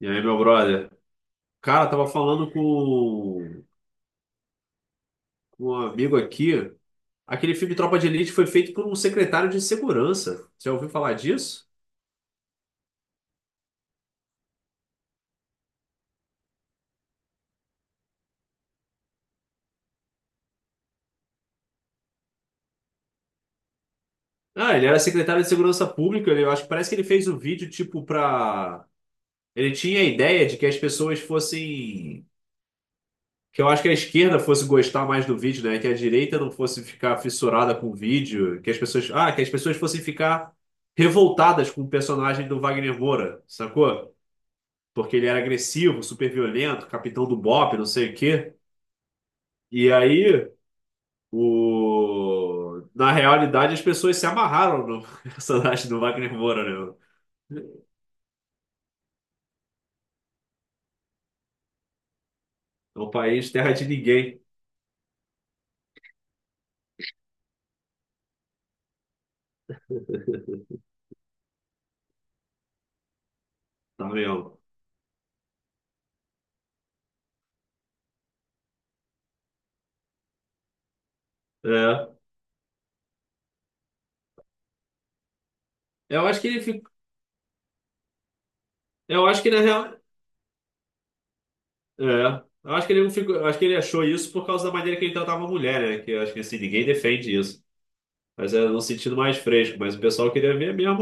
E aí, meu brother? Cara, tava falando com um amigo aqui. Aquele filme Tropa de Elite foi feito por um secretário de segurança. Você já ouviu falar disso? Ah, ele era secretário de segurança pública. Eu acho que parece que ele fez o vídeo tipo pra. Ele tinha a ideia de que as pessoas fossem. Que eu acho que a esquerda fosse gostar mais do vídeo, né? Que a direita não fosse ficar fissurada com o vídeo. Que as pessoas. Que as pessoas fossem ficar revoltadas com o personagem do Wagner Moura, sacou? Porque ele era agressivo, super violento, capitão do BOPE, não sei o quê. E aí, na realidade, as pessoas se amarraram no personagem do Wagner Moura, né? É um país terra de ninguém, tá vendo? É. Eu acho que ele ficou. Eu acho que na real. É. Eu acho que ele não ficou. Eu acho que ele achou isso por causa da maneira que ele tratava a mulher, né? Que eu acho que assim, ninguém defende isso. Mas é no sentido mais fresco. Mas o pessoal queria ver mesmo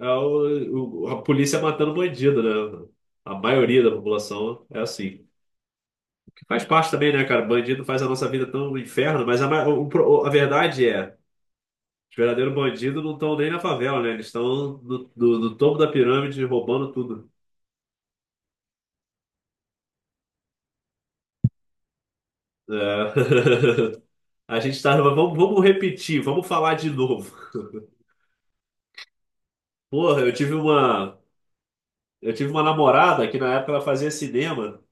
é a polícia matando bandido, né? A maioria da população é assim. Que faz parte também, né, cara? Bandido faz a nossa vida tão um inferno, mas a, ma- o- a verdade é, os verdadeiros bandidos não estão nem na favela, né? Eles estão no topo da pirâmide roubando tudo. É. A gente tá. Mas vamos, repetir, vamos falar de novo. Porra, eu tive uma. Eu tive uma namorada que na época ela fazia cinema.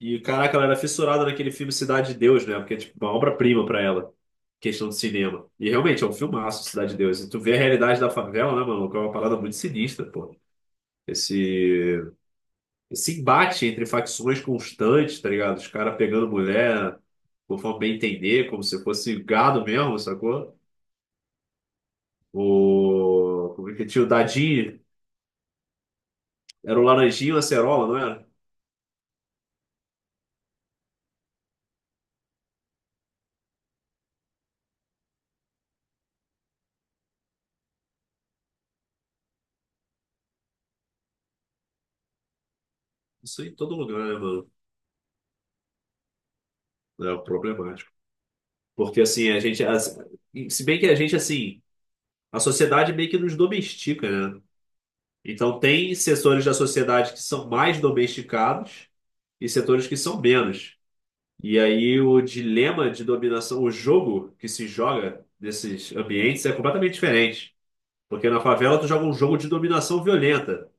E caraca, ela era fissurada naquele filme Cidade de Deus, né? Porque é tipo uma obra-prima pra ela, questão de cinema. E realmente é um filmaço, Cidade de Deus. E tu vê a realidade da favela, né, mano? Que é uma parada muito sinistra, pô. Esse, esse embate entre facções constantes, tá ligado? Os caras pegando mulher, conforme bem entender, como se fosse gado mesmo, sacou? O. Como é que é? Tinha o Dadinho? Era o Laranjinho e o Acerola, não era? Isso em todo lugar, né, mano? É problemático. Porque assim, a gente. Se bem que a gente, assim. A sociedade meio que nos domestica, né? Então, tem setores da sociedade que são mais domesticados e setores que são menos. E aí, o dilema de dominação, o jogo que se joga nesses ambientes é completamente diferente. Porque na favela, tu joga um jogo de dominação violenta.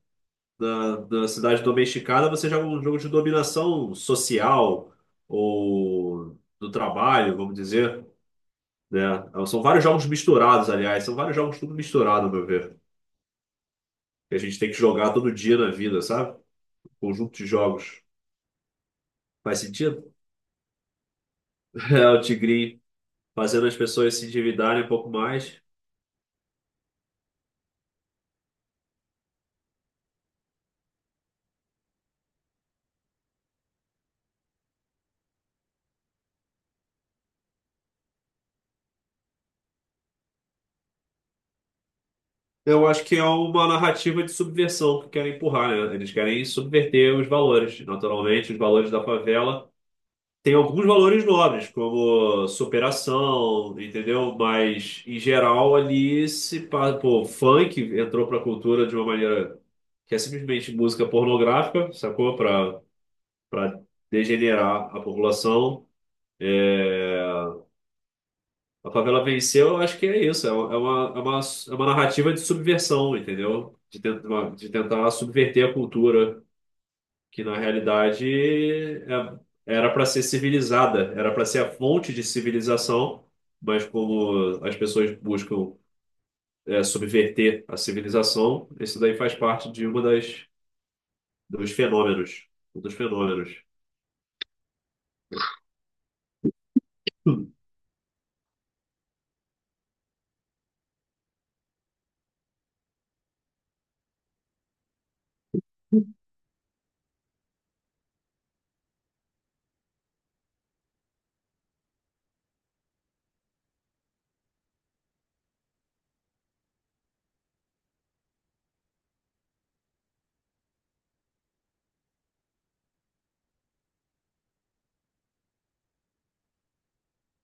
Na cidade domesticada, você joga um jogo de dominação social ou do trabalho, vamos dizer, né? São vários jogos misturados, aliás. São vários jogos tudo misturado, ao meu ver. Que a gente tem que jogar todo dia na vida, sabe? Conjunto de jogos. Faz sentido? É o Tigrinho fazendo as pessoas se endividarem um pouco mais. Eu acho que é uma narrativa de subversão que querem empurrar, né? Eles querem subverter os valores. Naturalmente, os valores da favela têm alguns valores nobres, como superação, entendeu? Mas, em geral, ali se... pa- Pô, funk entrou pra cultura de uma maneira que é simplesmente música pornográfica, sacou? Pra para degenerar a população. A favela venceu, eu acho que é isso. É uma narrativa de subversão, entendeu? De tentar subverter a cultura, que na realidade era para ser civilizada, era para ser a fonte de civilização, mas como as pessoas buscam subverter a civilização, isso daí faz parte de uma das dos fenômenos, um dos fenômenos.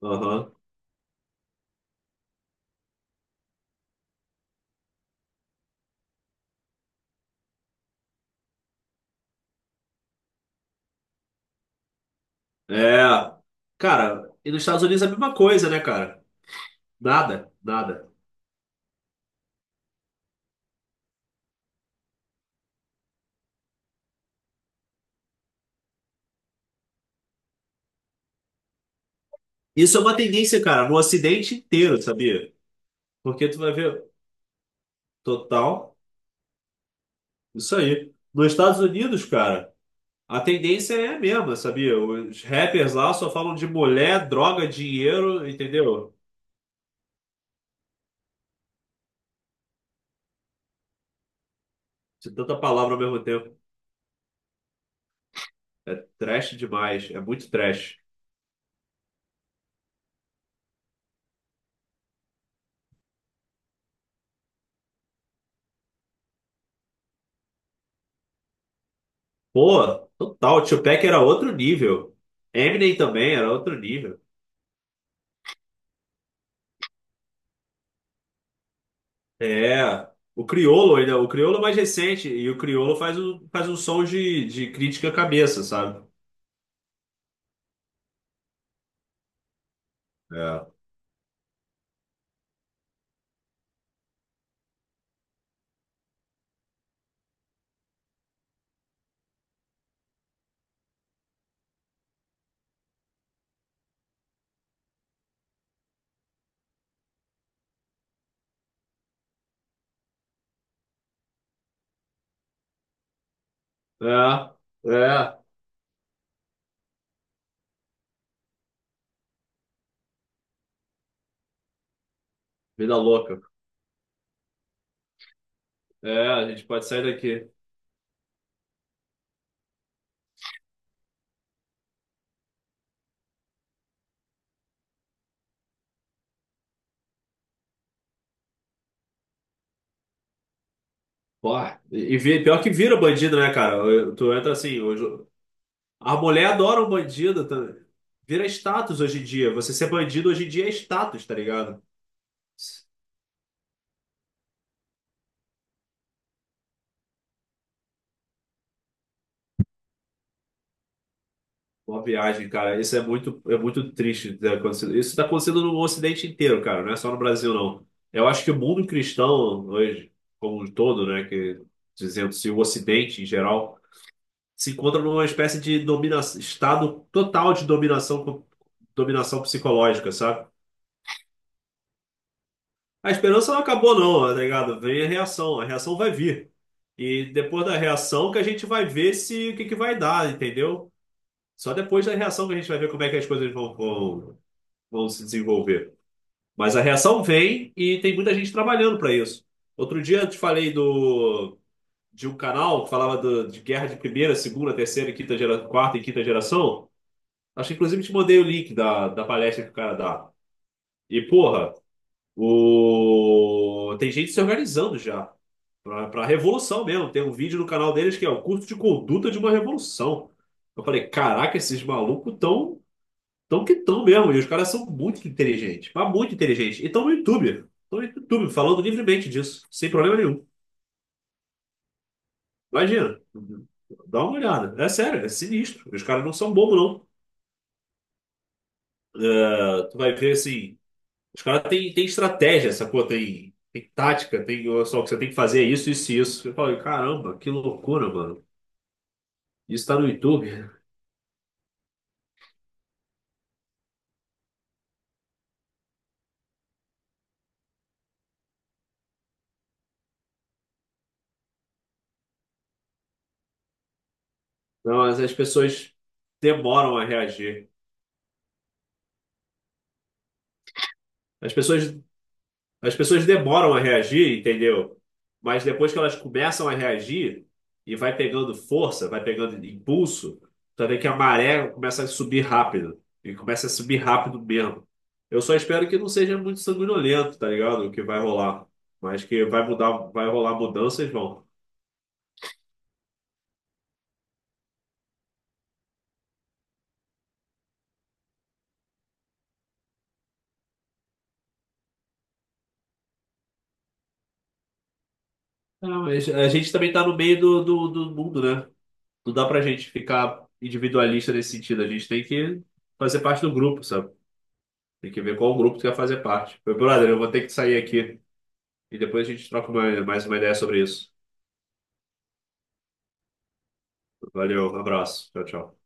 Aham. É, cara, e nos Estados Unidos é a mesma coisa, né, cara? Nada, nada. Isso é uma tendência, cara, no Ocidente inteiro, sabia? Porque tu vai ver, total, isso aí. Nos Estados Unidos, cara, a tendência é a mesma, sabia? Os rappers lá só falam de mulher, droga, dinheiro, entendeu? De tanta palavra ao mesmo tempo. Trash demais, é muito trash. Pô, total, Tupac era outro nível. Eminem também era outro nível. É, o Criolo ainda, o Criolo é mais recente, e o Criolo faz um som de crítica à cabeça, sabe? É, é, é, vida louca. É, a gente pode sair daqui. Pô, pior que vira bandido, né, cara? Tu entra assim, hoje. A mulher adora um bandido também. Vira status hoje em dia. Você ser bandido hoje em dia é status, tá ligado? Uma viagem, cara. Isso é muito triste ter acontecido. Isso tá acontecendo no Ocidente inteiro, cara. Não é só no Brasil, não. Eu acho que o mundo cristão hoje, como um todo, né, que dizendo-se o Ocidente em geral. Se encontra numa espécie de estado total de dominação, dominação psicológica, sabe? A esperança não acabou, não, tá ligado? Vem a reação vai vir. E depois da reação que a gente vai ver se o que que vai dar, entendeu? Só depois da reação que a gente vai ver como é que as coisas vão se desenvolver. Mas a reação vem e tem muita gente trabalhando para isso. Outro dia eu te falei de um canal que falava de guerra de primeira, segunda, terceira, e quinta gera, quarta e quinta geração. Acho que inclusive te mandei o link da palestra que o cara dá. E, porra, tem gente se organizando já pra revolução mesmo. Tem um vídeo no canal deles que é o curso de conduta de uma revolução. Eu falei, caraca, esses malucos tão mesmo. E os caras são muito inteligentes, mas muito inteligentes. E estão no YouTube. Estão no YouTube falando livremente disso, sem problema nenhum. Imagina. Dá uma olhada. É sério, é sinistro. Os caras não são bobos, não. É, tu vai ver assim. Os caras têm estratégia, sacou? Tem tática, tem ó, só o que você tem que fazer é isso, isso e isso. Eu falo, caramba, que loucura, mano. Isso tá no YouTube. Não, mas as pessoas demoram a reagir. As pessoas As pessoas demoram a reagir, entendeu? Mas depois que elas começam a reagir e vai pegando força, vai pegando impulso, tu vê que a maré começa a subir rápido. E começa a subir rápido mesmo. Eu só espero que não seja muito sanguinolento, tá ligado? O que vai rolar. Mas que vai mudar, vai rolar mudanças, vão. Não, mas a gente também tá no meio do mundo, né? Não dá pra gente ficar individualista nesse sentido. A gente tem que fazer parte do grupo, sabe? Tem que ver qual grupo tu quer fazer parte. Meu brother, eu vou ter que sair aqui e depois a gente troca mais uma ideia sobre isso. Valeu, um abraço. Tchau, tchau.